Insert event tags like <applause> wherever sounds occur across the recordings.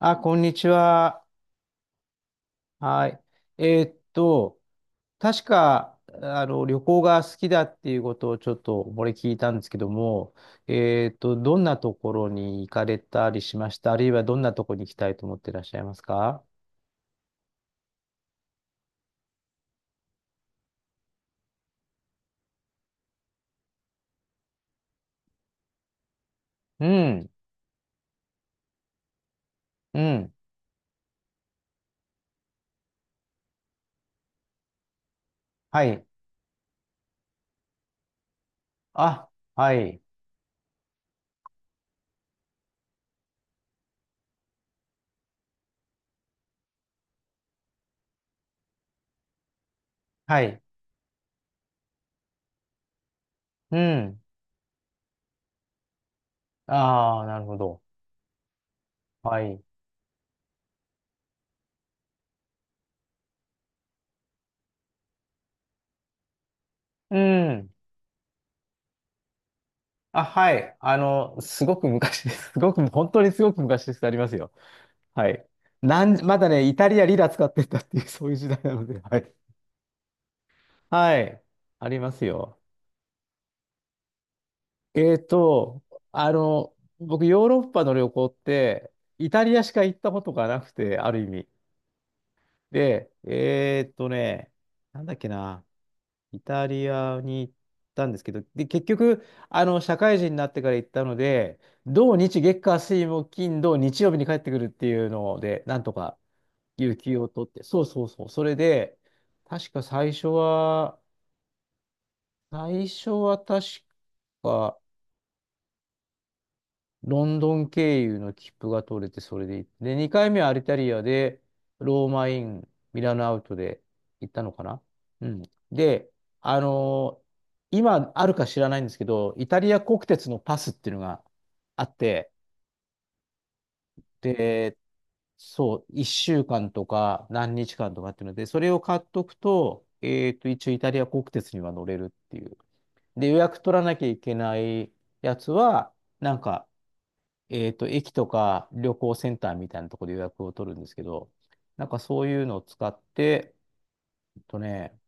あ、こんにちは。はい。えーっと、確か、旅行が好きだっていうことをちょっと、これ聞いたんですけども、どんなところに行かれたりしました？あるいはどんなところに行きたいと思ってらっしゃいますか？うん、うん、はい。あ、はい、はい。うん。ああ、なるほど。はい。うん。あ、はい。すごく昔です。<laughs> すごく、本当にすごく昔です。ありますよ。はい。まだね、イタリアリラ使ってたっていう、<laughs> そういう時代なので。はい。はい。ありますよ。えっと、あの、僕、ヨーロッパの旅行って、イタリアしか行ったことがなくて、ある意味。で、なんだっけな、イタリアに行ったんですけど、で、結局、社会人になってから行ったので、土日月火水木金土日曜日に帰ってくるっていうので、なんとか。有給を取って、そうそうそう。それで、確か最初は、最初は確か、ロンドン経由の切符が取れて、それで行って、で、2回目はアルタリアで、ローマイン、ミラノアウトで行ったのかな。うん。で、あのー今あるか知らないんですけど、イタリア国鉄のパスっていうのがあって、で、そう、1週間とか何日間とかっていうので、それを買っとくと、一応イタリア国鉄には乗れるっていう。で、予約取らなきゃいけないやつは、なんか、駅とか旅行センターみたいなところで予約を取るんですけど、なんかそういうのを使って、えっとね、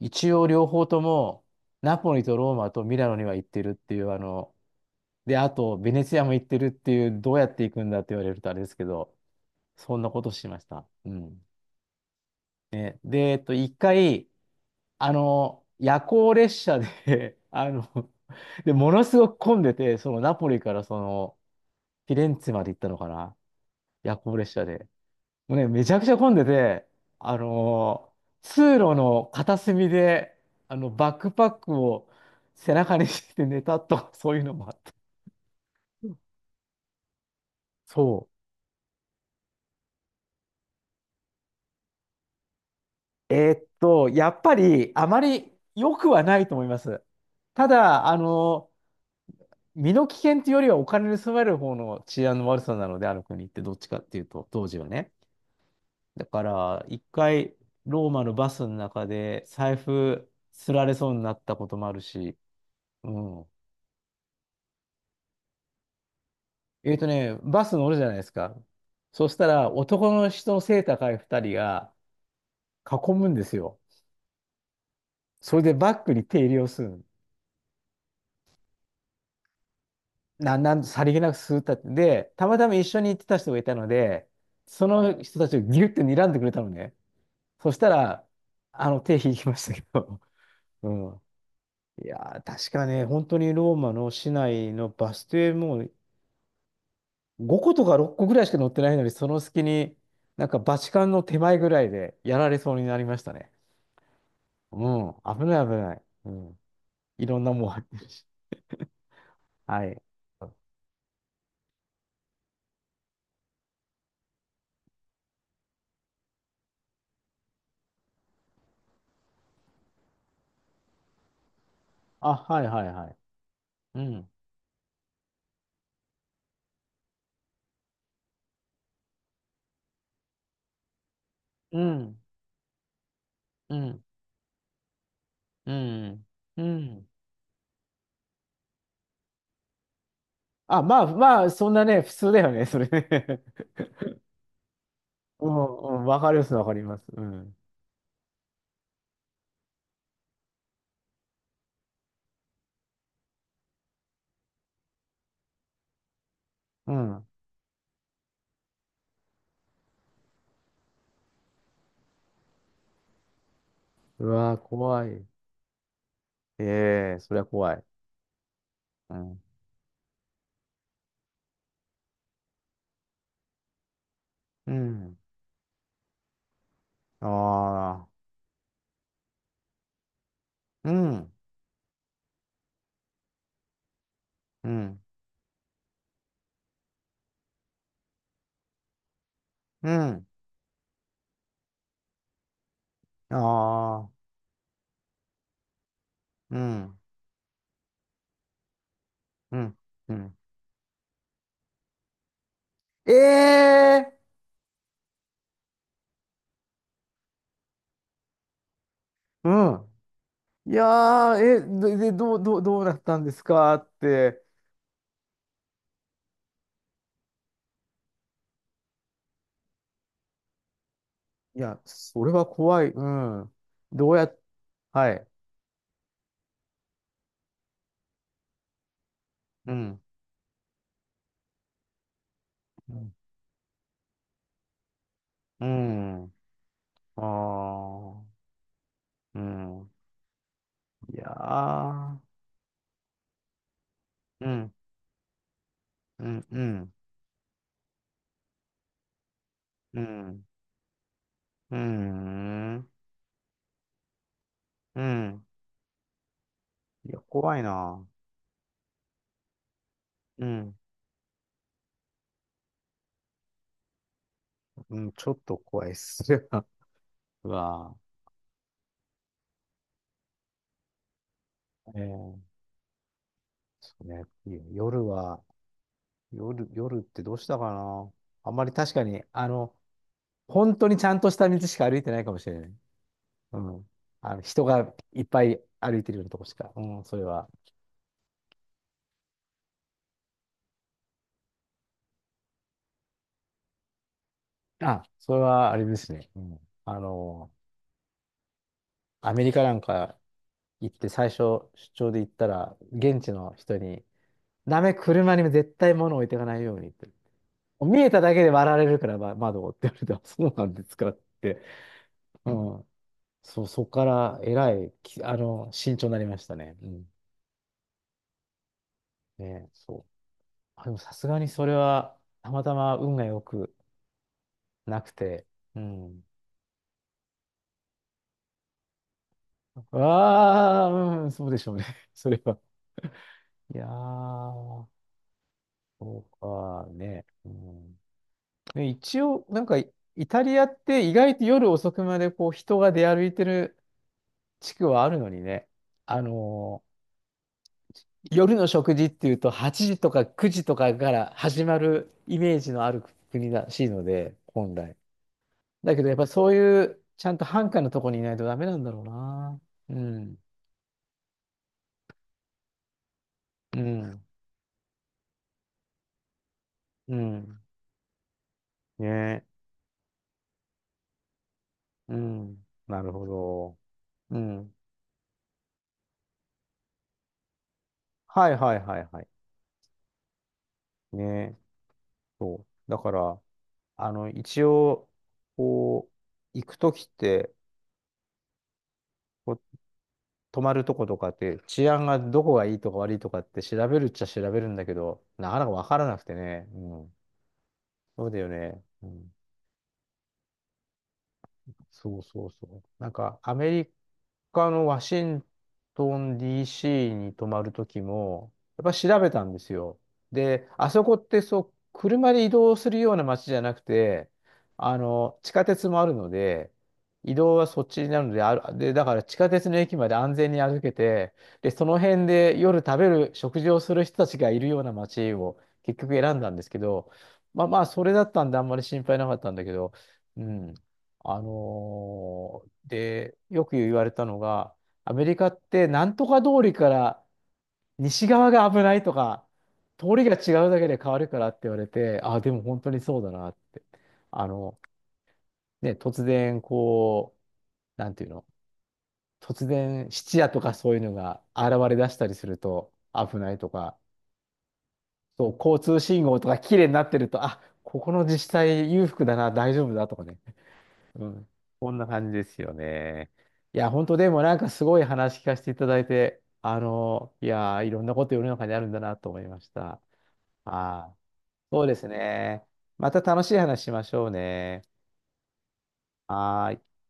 一応両方とも、ナポリとローマとミラノには行ってるっていう、で、あと、ベネツィアも行ってるっていう、どうやって行くんだって言われるとあれですけど、そんなことしました。うん。で、一回、夜行列車で <laughs> で、ものすごく混んでて、そのナポリからその、フィレンツェまで行ったのかな、夜行列車で。もうね、めちゃくちゃ混んでて、あの、通路の片隅で、バックパックを背中にして寝たと、<laughs> そういうのもあった。そう。やっぱりあまり良くはないと思います。ただ、身の危険というよりはお金盗まれる方の治安の悪さなので、ある国ってどっちかっていうと、当時はね。だから、一回、ローマのバスの中で財布すられそうになったこともあるし、うん。バス乗るじゃないですか。そしたら、男の人の背高い二人が囲むんですよ。それでバッグに手入れをするの。なん、なん、さりげなくするったって。で、たまたま一緒に行ってた人がいたので、その人たちをギュッて睨んでくれたのね。そしたら、手引きましたけど、<laughs> うん。いやー、確かね、本当にローマの市内のバス停もう5個とか6個ぐらいしか乗ってないのに、その隙に、なんかバチカンの手前ぐらいでやられそうになりましたね。うん、危ない危ない。うん。いろんなもん入ってるし。はい。あ、はいはいはい。うん。うん。うん。うん。うん。あ、まあまあ、そんなね、普通だよね、それね。<laughs> うん、うん、わかります、わかります。うん。うん。うわー、怖い。ええ、そりゃ怖い。うん。うん。ああ。うん。うん。うん。ああ。うん。うん。うん。ええ、うん。いやー、え、で、どうなったんですかって。いや、それは怖い。うん。どうやっ、はい。うん。うん。ああー。うん。いやー。うん。うん。うん。うん。うん。うん。いや、怖いな。うん。うん、ちょっと怖いっす。<laughs> はうわぁ。ええ、そうね。いや夜は、夜、夜ってどうしたかな。あんまり確かに、本当にちゃんとした道しか歩いてないかもしれない。うん。人がいっぱい歩いてるようなとこしか。うん、それは。あ、それはあれですね。うん。アメリカなんか行って最初出張で行ったら、現地の人に、ダメ、車にも絶対物置いていかないようにって。見えただけで割られるから、ま、窓をって言われて、あ、そうなんですかって。うん。そう、そこからえらい、きあの、慎重になりましたね。うん。ね、そう。あ、でもさすがにそれは、たまたま運が良くなくて、うん。ああ、うん、そうでしょうね。<laughs> それは。いやー、そうかね。うん、で一応、なんか、イタリアって意外と夜遅くまでこう人が出歩いてる地区はあるのにね。あのー夜の食事っていうと8時とか9時とかから始まるイメージのある国らしいので、本来。だけどやっぱそういうちゃんと繁華のとこにいないとダメなんだろうな。うん。うん。うん。ね、うん。なるほど。うん。はいはいはいはい。ね、そう。だから、一応、こ行くときって、こっ泊まるとことかって、治安がどこがいいとか悪いとかって調べるっちゃ調べるんだけど、なかなかわからなくてね。うん。そうだよね。うん、そうそうそう。なんか、アメリカのワシントン DC に泊まるときも、やっぱ調べたんですよ。で、あそこってそう、車で移動するような街じゃなくて、地下鉄もあるので、移動はそっちになるので、で、だから地下鉄の駅まで安全に歩けて、で、その辺で夜食事をする人たちがいるような街を結局選んだんですけど、まあまあ、それだったんであんまり心配なかったんだけど、うん。で、よく言われたのが、アメリカってなんとか通りから西側が危ないとか、通りが違うだけで変わるからって言われて、あ、でも本当にそうだなって。あの、ね、突然なんていうの、突然質屋とかそういうのが現れ出したりすると危ないとか、そう、交通信号とか綺麗になってると、あ、ここの自治体裕福だな、大丈夫だとかね。うん。こんな感じですよね。いや、本当でもなんかすごい話聞かせていただいて、いやー、いろんなこと世の中にあるんだなと思いました。ああ、そうですね。また楽しい話しましょうね。はーい。